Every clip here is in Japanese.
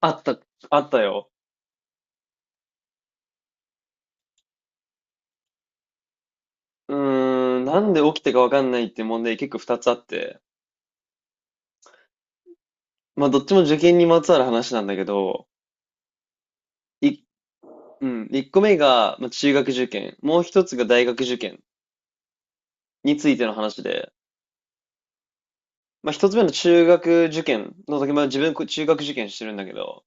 あった、あったよ。うーん、なんで起きたかわかんないっていう問題結構二つあって。まあ、どっちも受験にまつわる話なんだけど、い、うん、一個目が、まあ、中学受験、もう一つが大学受験についての話で、まあ、一つ目の中学受験の時、まあ、自分、中学受験してるんだけど、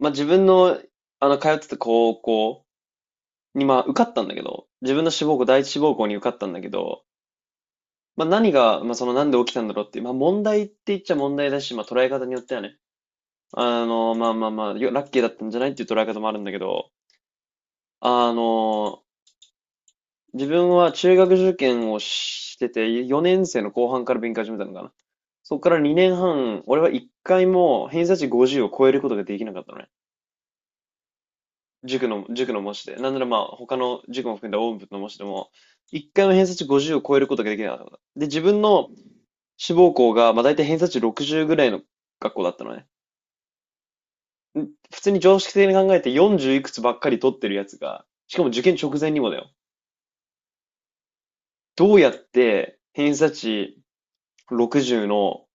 まあ、自分の、通ってた高校に、まあ、受かったんだけど、自分の志望校、第一志望校に受かったんだけど、まあ、何が、まあ、その、なんで起きたんだろうっていう、まあ、問題って言っちゃ問題だし、まあ、捉え方によってはね、まあまあまあ、よラッキーだったんじゃないっていう捉え方もあるんだけど、あの、自分は中学受験をしてて、4年生の後半から勉強始めたのかな。そこから2年半、俺は1回も偏差値50を超えることができなかったのね。塾の模試で。なんならまあ、他の塾も含んだ大部の模試でも、1回も偏差値50を超えることができなかった。で、自分の志望校が、まあ大体偏差値60ぐらいの学校だったのね。普通に常識的に考えて40いくつばっかり取ってるやつが、しかも受験直前にもだよ。どうやって偏差値60の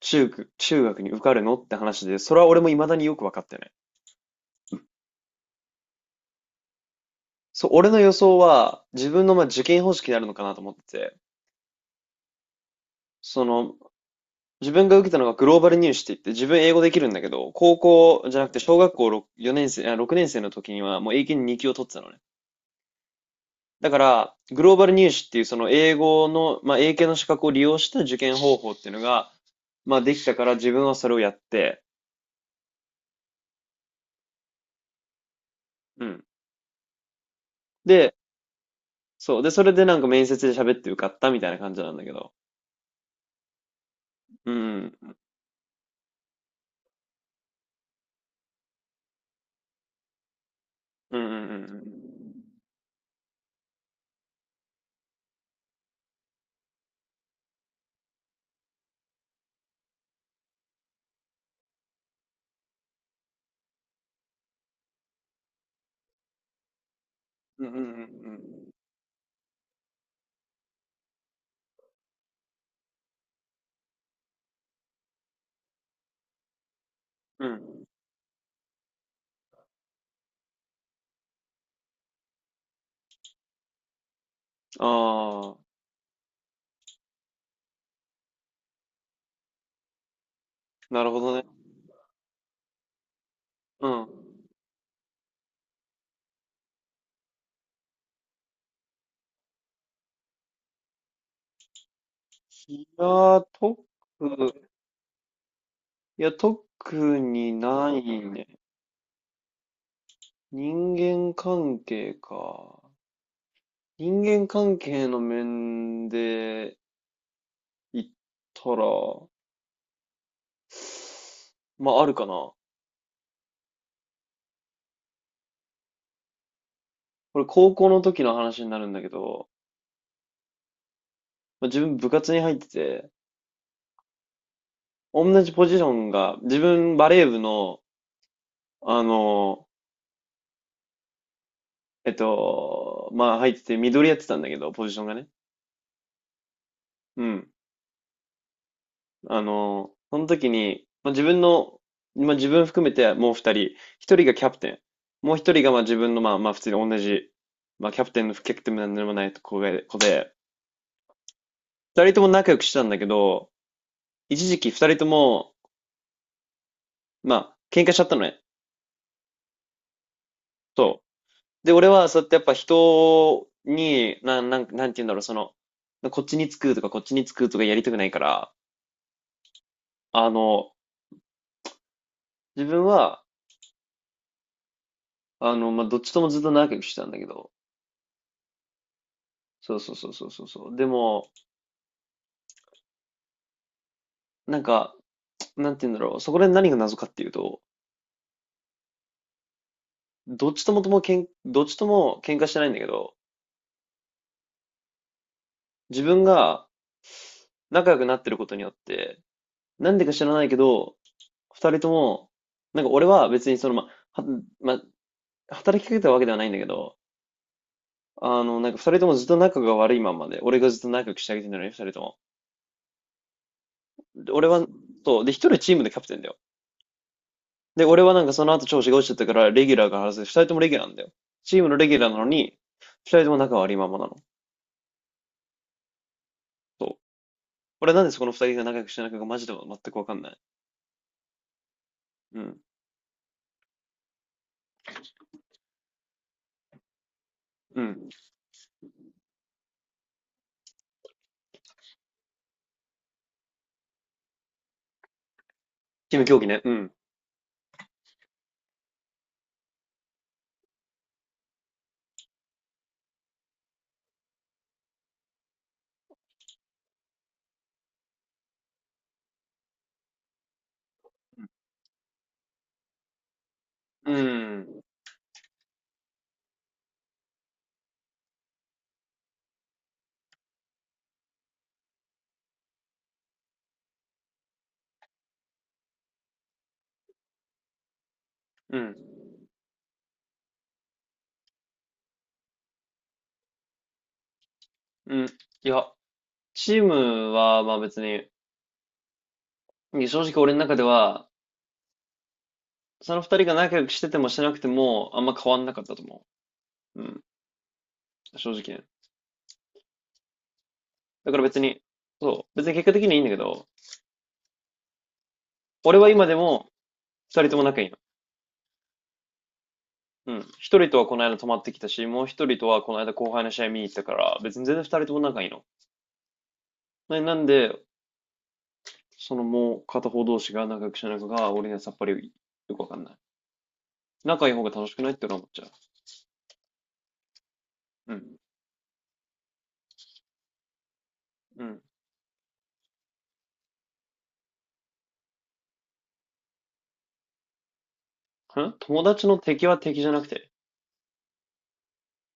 中学に受かるのって話で、それは俺も未だによく分かってない。そう、俺の予想は自分のまあ受験方式になるのかなと思ってて、その、自分が受けたのがグローバル入試って言って、自分英語できるんだけど、高校じゃなくて小学校 6年生の時にはもう英検2級を取ってたのね。だから、グローバル入試っていうその英語の、まあ、英検の資格を利用した受験方法っていうのが、まあ、できたから自分はそれをやって、うん。で、そう。で、それでなんか面接で喋って受かったみたいな感じなんだけど。うん。うんうんうんうん。うんうんうんうん。うん。ああ、なるほどね。うん。いやー、特、特にないね。人間関係か。人間関係の面で、行ったら、まああるかな。これ高校の時の話になるんだけど、まあ、自分部活に入ってて、同じポジションが、自分バレー部の、あの、まあ入ってて、緑やってたんだけど、ポジションがね。うん。その時に、まあ、自分の、まあ、自分含めてもう二人、一人がキャプテン、もう一人がまあ自分のまあまあ普通に同じ、まあキャプテンの不キャプテンなんでもない子が子で、二人とも仲良くしてたんだけど、一時期二人ともまあ、喧嘩しちゃったのね。そう。で、俺はそうやってやっぱ人に、なんて言うんだろう、その、こっちにつくとかこっちにつくとかやりたくないから、あの、自分は、まあ、どっちともずっと仲良くしてたんだけど、そうそうそうそうそうそう。でも、なんか、なんて言うんだろう、そこで何が謎かっていうと、どっちとも喧嘩してないんだけど、自分が仲良くなってることによって、なんでか知らないけど、二人とも、なんか俺は別にその、はま、働きかけたわけではないんだけど、なんか二人ともずっと仲が悪いままで、俺がずっと仲良くしてあげてるのに、二人とも。で、俺は、そう、で、一人はチームでキャプテンだよ。で、俺はなんかその後調子が落ちちゃったから、レギュラーが外れて、二人ともレギュラーなんだよ。チームのレギュラーなのに、二人とも仲悪いままなの。そう。俺なんでそこの二人が仲良くしてないのかマジで全くわかんない。うん。うん。チーム競技ね。うん。うん。うん。うん。いや、チームは、まあ別に、正直俺の中では、その二人が仲良くしててもしてなくても、あんま変わんなかったと思う。うん。正直ね。だから別に、そう。別に結果的にいいんだけど、俺は今でも二人とも仲いいの。うん。一人とはこの間泊まってきたし、もう一人とはこの間後輩の試合見に行ったから、別に全然二人とも仲いいの。なんで、そのもう片方同士が仲良くしてないのかが、俺にはさっぱりよくわかんない。仲いい方が楽しくないって俺は思っちゃう。うん。うん。友達の敵は敵じゃなくて。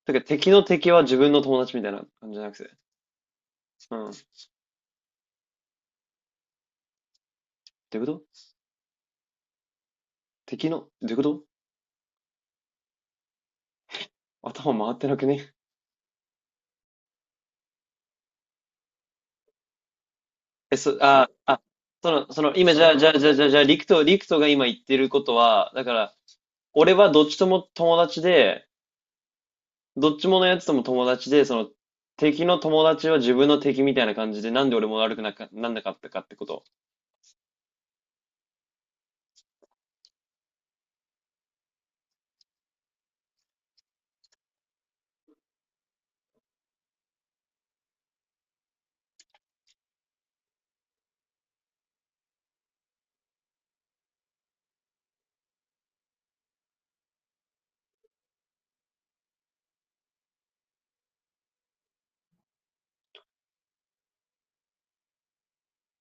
だから敵の敵は自分の友達みたいな感じじゃなくて。うん。ってこと敵の、どういうこと？頭回ってなくね？え、そ、あ、あ、その、今、じゃあ、リクトが今言ってることは、だから、俺はどっちとも友達で、どっちものやつとも友達で、その、敵の友達は自分の敵みたいな感じで、なんで俺も悪くなか、なんなかったかってこと。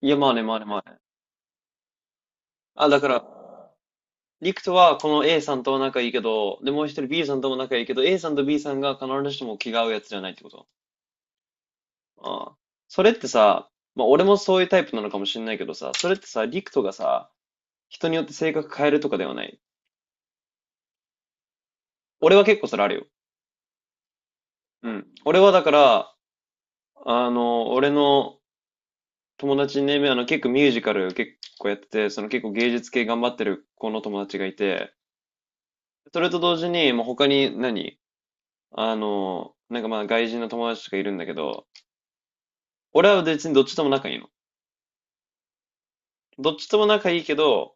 いや、まあね、まあね、まあね。あ、だから、リクトはこの A さんとは仲いいけど、で、もう一人 B さんとも仲いいけど、A さんと B さんが必ずしも気が合うやつじゃないってこと？ああ。それってさ、まあ俺もそういうタイプなのかもしれないけどさ、それってさ、リクトがさ、人によって性格変えるとかではない？俺は結構それあるよ。うん。俺はだから、俺の友達にね、結構ミュージカル結構やってて、その結構芸術系頑張ってる子の友達がいて、それと同時に、もう他に何なんかまあ外人の友達とかいるんだけど、俺は別にどっちとも仲いいの。どっちとも仲いいけど、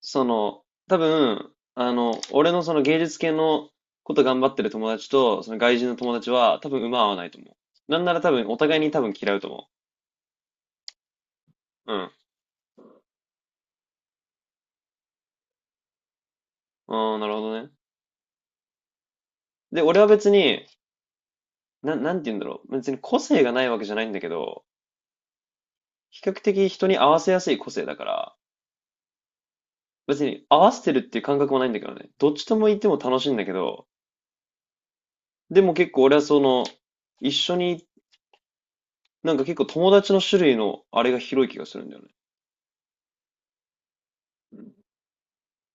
その、多分、俺のその芸術系のこと頑張ってる友達と、その外人の友達は、多分馬合わないと思う。なんなら多分、お互いに多分嫌うと思う。うん。うん、なるほどね。で、俺は別に、なんて言うんだろう。別に個性がないわけじゃないんだけど、比較的人に合わせやすい個性だから、別に合わせてるっていう感覚もないんだけどね。どっちとも言っても楽しいんだけど、でも結構俺はその、一緒に、なんか結構友達の種類のあれが広い気がするんだよね。